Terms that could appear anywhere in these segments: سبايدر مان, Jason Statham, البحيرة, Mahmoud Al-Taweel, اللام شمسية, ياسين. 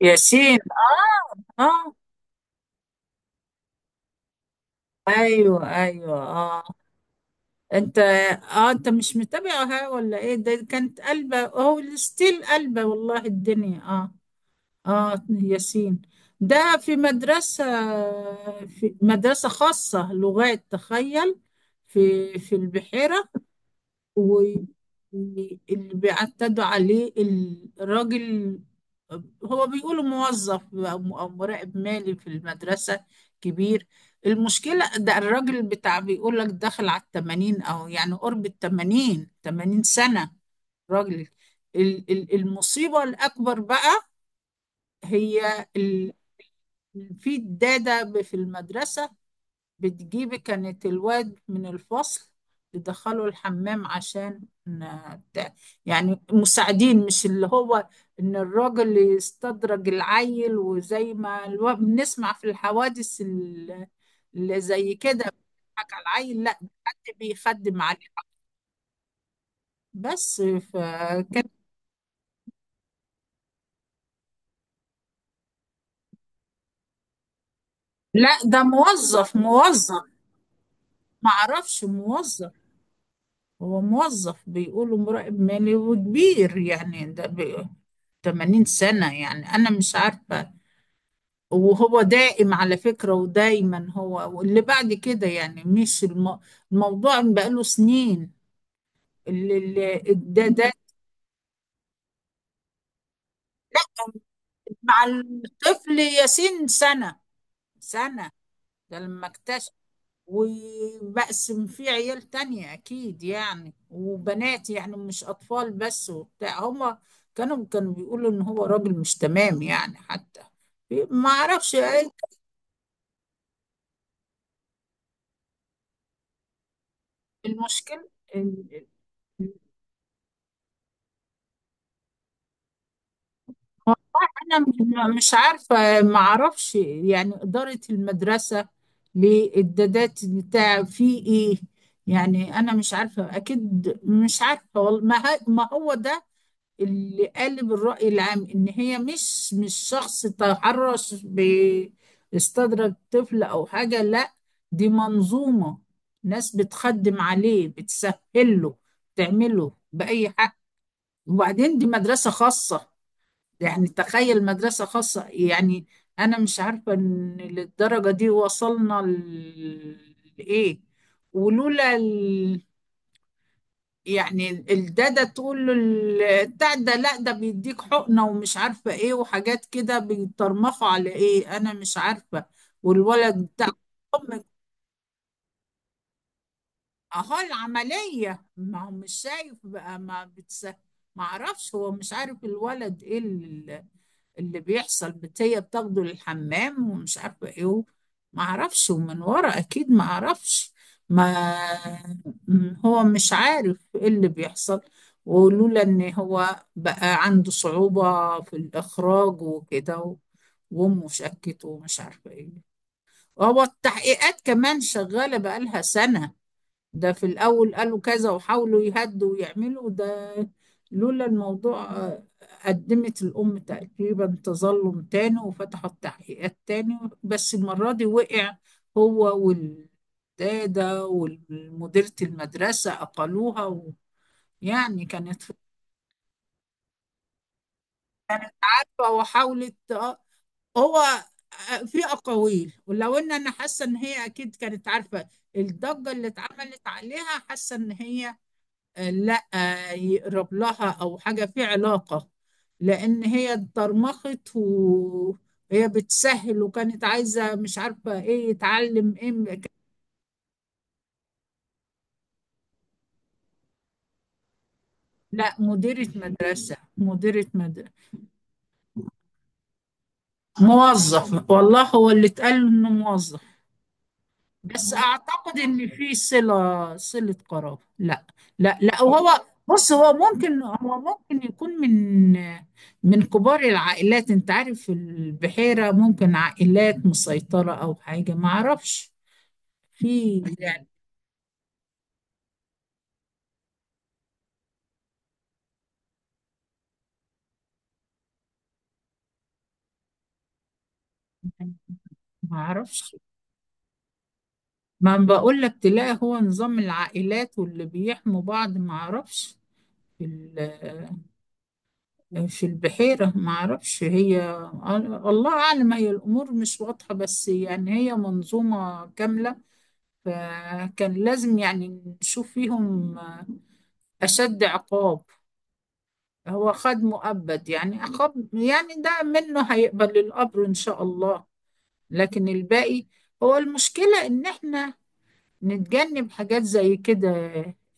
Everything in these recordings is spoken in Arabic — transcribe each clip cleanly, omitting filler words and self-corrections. ياسين. اه اه، ايوه ايوه اه. انت مش متابعها ولا ايه؟ ده كانت قلبة، هو ستيل قلبة والله الدنيا. اه اه ياسين ده في مدرسة خاصة لغات، تخيل، في البحيرة، واللي بيعتدوا عليه الراجل هو بيقولوا موظف أو مراقب مالي في المدرسة كبير. المشكلة ده الراجل بتاع، بيقول لك داخل على التمانين، أو يعني قرب التمانين، تمانين سنة، راجل. المصيبة الأكبر بقى هي في الدادة في المدرسة، بتجيب كانت الواد من الفصل تدخله الحمام عشان بتاع، يعني مساعدين، مش اللي هو، ان الراجل يستدرج العيل، وزي ما بنسمع في الحوادث اللي زي كده، بيضحك على العيل. لا، ده حد بيخدم عليه بس. فكان، لا ده موظف موظف، معرفش، موظف. هو موظف بيقولوا مراقب مالي وكبير يعني، ده 80 سنة يعني، أنا مش عارفة. وهو دائم على فكرة، ودايما هو، واللي بعد كده يعني مش الموضوع بقاله سنين. ده مع الطفل ياسين سنة، سنة ده لما اكتشف. وبقسم فيه عيال تانية أكيد يعني، وبنات يعني، مش أطفال بس وبتاع. هما كانوا بيقولوا إن هو راجل مش تمام يعني، حتى ما أعرفش إيه المشكلة. إن- هو، أنا مش عارفة، ما أعرفش يعني إدارة المدرسة للدادات بتاع في إيه، يعني أنا مش عارفة أكيد، مش عارفة والله. ما ما هو ده اللي قالب الرأي العام، إن هي مش شخص تحرش باستدرج طفل أو حاجة، لا دي منظومة، ناس بتخدم عليه، بتسهل له، تعمله بأي حق. وبعدين دي مدرسة خاصة، يعني تخيل مدرسة خاصة يعني، أنا مش عارفة إن للدرجة دي وصلنا لإيه. ولولا يعني ده تقول له بتاع، ده لا ده بيديك حقنة ومش عارفة ايه، وحاجات كده بيترمخوا على ايه، انا مش عارفة. والولد بتاع، اهو العملية، ما هو مش شايف بقى، ما ما اعرفش، هو مش عارف الولد ايه اللي بيحصل. هي بتاخده للحمام ومش عارفة ايه ما اعرفش، ومن ورا اكيد ما اعرفش. ما، هو مش عارف ايه اللي بيحصل. ولولا ان هو بقى عنده صعوبة في الاخراج وكده وامه شكته ومش عارفة ايه. هو التحقيقات كمان شغالة بقالها سنة. ده في الأول قالوا كذا وحاولوا يهدوا ويعملوا ده، لولا الموضوع. قدمت الأم تقريبا تظلم تاني وفتحت تحقيقات تاني، بس المرة دي وقع هو والدادة ومديرة المدرسة، أقلوها و... يعني كانت فتوى، وحاولت. آه، هو آه، في أقاويل، ولو إن أنا حاسة إن هي أكيد كانت عارفة. الضجة اللي اتعملت عليها، حاسة إن هي، لا، يقرب لها او حاجه في علاقه، لان هي اتضرمخت وهي بتسهل، وكانت عايزه مش عارفه ايه، يتعلم ايه لا، مديره مدرسه، مديره مدرسه. موظف والله، هو اللي اتقال له انه موظف، بس اعتقد ان في صله قرابه. لا، لا لا، وهو بص، هو ممكن يكون من، من كبار العائلات. انت عارف البحيره ممكن عائلات مسيطره او حاجه، ما اعرفش في يعني. ما اعرفش، ما أنا بقول لك تلاقي هو نظام العائلات، واللي بيحموا بعض، ما اعرفش في البحيرة، ما أعرفش هي، الله أعلم، هي الأمور مش واضحة، بس يعني هي منظومة كاملة. فكان لازم يعني نشوف فيهم أشد عقاب. هو خد مؤبد، يعني عقاب يعني ده، منه هيقبل الأمر إن شاء الله. لكن الباقي، هو المشكلة إن إحنا نتجنب حاجات زي كده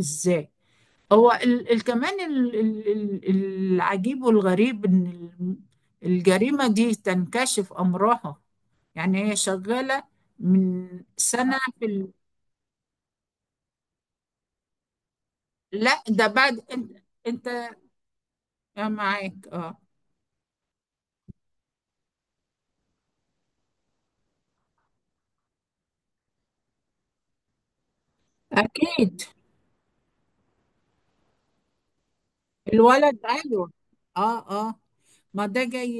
إزاي. هو ال ال كمان ال- العجيب والغريب ان ال- الجريمة دي تنكشف امرها، يعني هي شغالة من سنة في لا ده بعد، انت، انت معاك اه. اكيد الولد، ايوه، اه اه، ما ده جاي،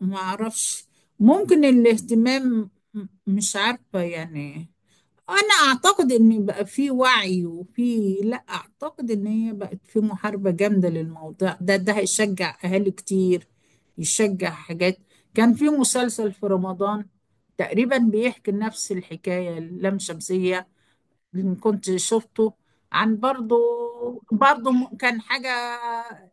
ما اعرفش، ممكن الاهتمام مش عارفة يعني. انا اعتقد ان بقى في وعي وفي، لا اعتقد ان هي بقت في محاربة جامدة للموضوع ده، ده هيشجع اهالي كتير يشجع حاجات. كان في مسلسل في رمضان تقريبا بيحكي نفس الحكاية، اللام شمسية، اللي كنت شفته عن برضو، برضو كان حاجة.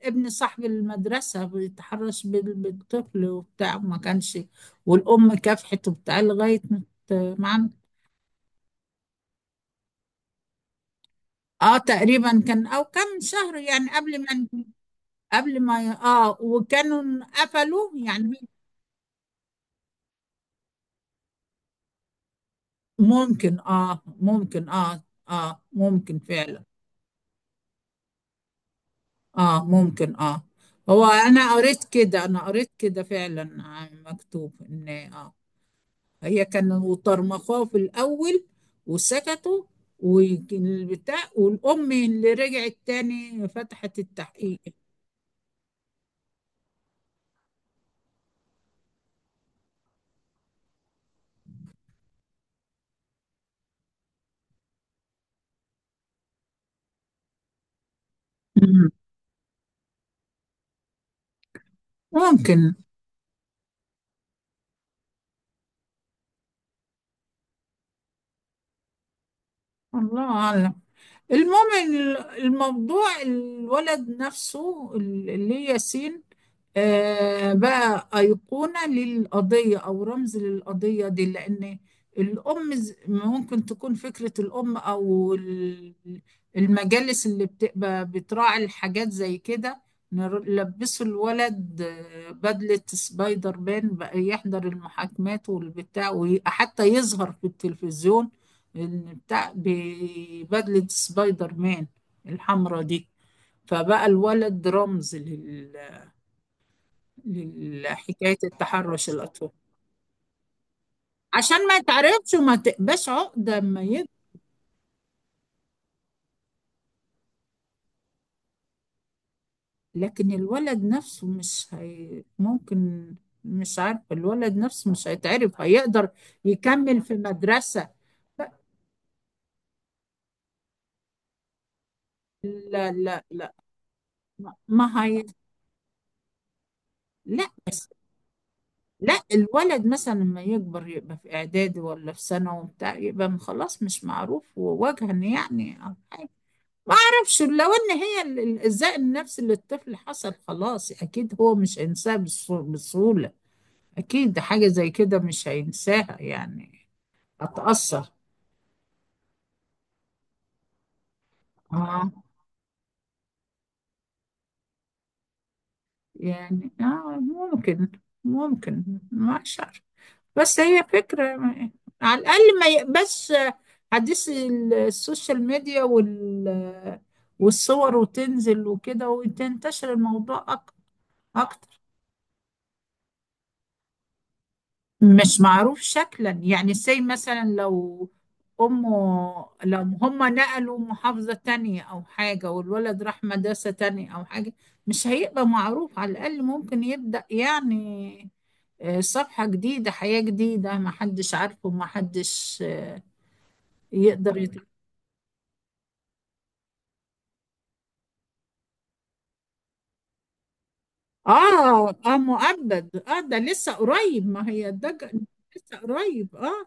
ابن صاحب المدرسة بيتحرش بالطفل وبتاع، ما كانش، والأم كافحت وبتاع لغاية ما. اه تقريبا كان او كم شهر يعني قبل ما قبل ما اه، وكانوا قفلوا يعني. ممكن اه، ممكن اه اه ممكن فعلا. اه ممكن اه. هو انا قريت كده فعلا، عن مكتوب ان اه هي كانوا طرمخوه في الاول وسكتوا، والبتاع، والام اللي رجعت تاني فتحت التحقيق. مم. ممكن. الله اعلم. المهم الموضوع الولد نفسه، اللي هي ياسين، بقى أيقونة للقضية أو رمز للقضية دي. لأن الأم ممكن تكون فكرة الأم أو المجالس اللي بتبقى بتراعي الحاجات زي كده، لبسوا الولد بدلة سبايدر مان بقى، يحضر المحاكمات والبتاع، وحتى يظهر في التلفزيون، اللي بتاع ببدلة سبايدر مان الحمرا دي، فبقى الولد رمز لحكاية التحرش الأطفال. عشان ما تعرفش وما تقباش عقدة اما يكبر. لكن الولد نفسه مش ممكن، مش عارف، الولد نفسه مش هيتعرف، هيقدر يكمل في مدرسة. لا، ما هي، لا، لا الولد مثلا لما يكبر يبقى في اعدادي ولا في ثانوي وبتاع، يبقى خلاص مش معروف ووجها يعني او حاجه. ما اعرفش، لو ان هي الايذاء النفسي للطفل حصل، خلاص اكيد هو مش هينساها بسهوله، اكيد حاجه زي كده مش هينساها يعني، هتأثر. اه يعني اه ممكن، ممكن. ما شعر، بس هي فكرة، على الأقل ما يقبس حديث السوشيال ميديا، وال والصور وتنزل وكده وتنتشر الموضوع أكتر، مش معروف شكلا يعني. زي مثلا لو أمه، لو هما نقلوا محافظة تانية أو حاجة، والولد راح مدرسة تانية أو حاجة، مش هيبقى معروف، على الأقل ممكن يبدأ يعني صفحة جديدة، حياة جديدة، محدش عارفه، محدش يقدر. اه اه مؤبد اه، ده لسه قريب، ما هي ده لسه قريب اه.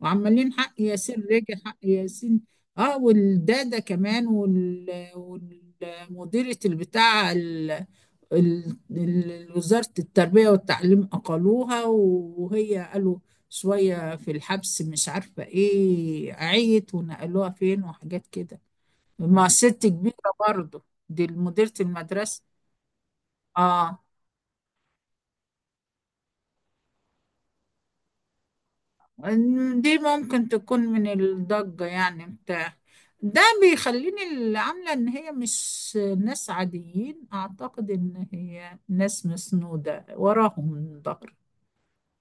وعمالين حق ياسين، رجع حق ياسين. اه، والدادة كمان، وال والمديرة البتاع وزارة التربية والتعليم أقلوها، وهي قالوا شوية في الحبس، مش عارفة ايه، عيت ونقلوها فين وحاجات كده، ما ست كبيرة برضه. دي مديرة المدرسة. اه دي ممكن تكون من الضجة يعني بتاع، ده بيخليني اللي عاملة ان هي مش ناس عاديين، اعتقد ان هي ناس مسنودة وراهم من ظهر.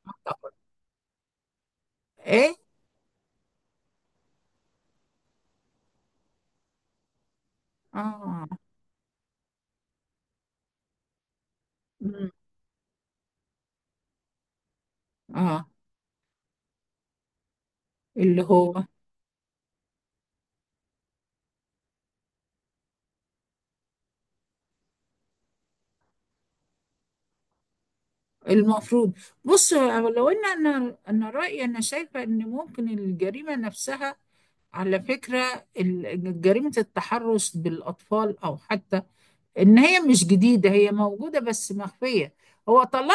اعتقد. ايه. اه. مم. اه. اللي هو المفروض، بص، لو ان انا، انا رأيي انا شايفة ان ممكن الجريمة نفسها، على فكرة جريمة التحرش بالاطفال، او حتى ان هي مش جديده، هي موجوده بس مخفيه. هو طالما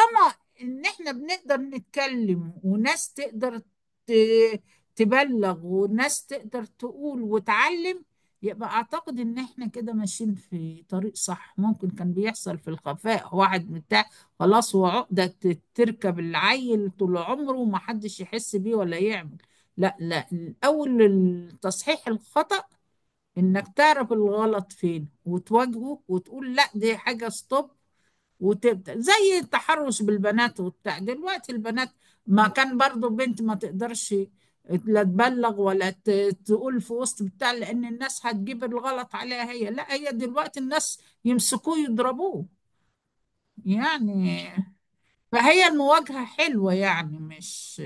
ان احنا بنقدر نتكلم، وناس تقدر ت- تبلغ، وناس تقدر تقول وتعلم، يبقى اعتقد ان احنا كده ماشيين في طريق صح. ممكن كان بيحصل في الخفاء، واحد بتاع خلاص، هو عقدة تركب العيل طول عمره، ومحدش يحس بيه ولا يعمل. لا لا، اول التصحيح الخطأ، انك تعرف الغلط فين وتواجهه، وتقول لا دي حاجة، ستوب. وتبدأ، زي التحرش بالبنات وبتاع، دلوقتي البنات ما كان برضو بنت ما تقدرش لا تبلغ ولا تقول في وسط بتاع، لأن الناس هتجيب الغلط عليها هي، لا، هي دلوقتي الناس يمسكوه يضربوه يعني. فهي المواجهة حلوة يعني، مش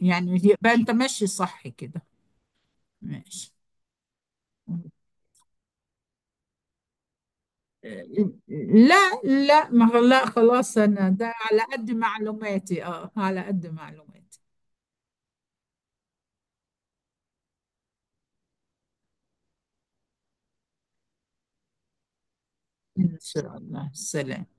يعني، يبقى انت ماشي صح كده، ماشي. لا لا، ما لا خلاص، انا ده على قد معلوماتي، اه على قد معلوماتي. ان شاء الله، سلام.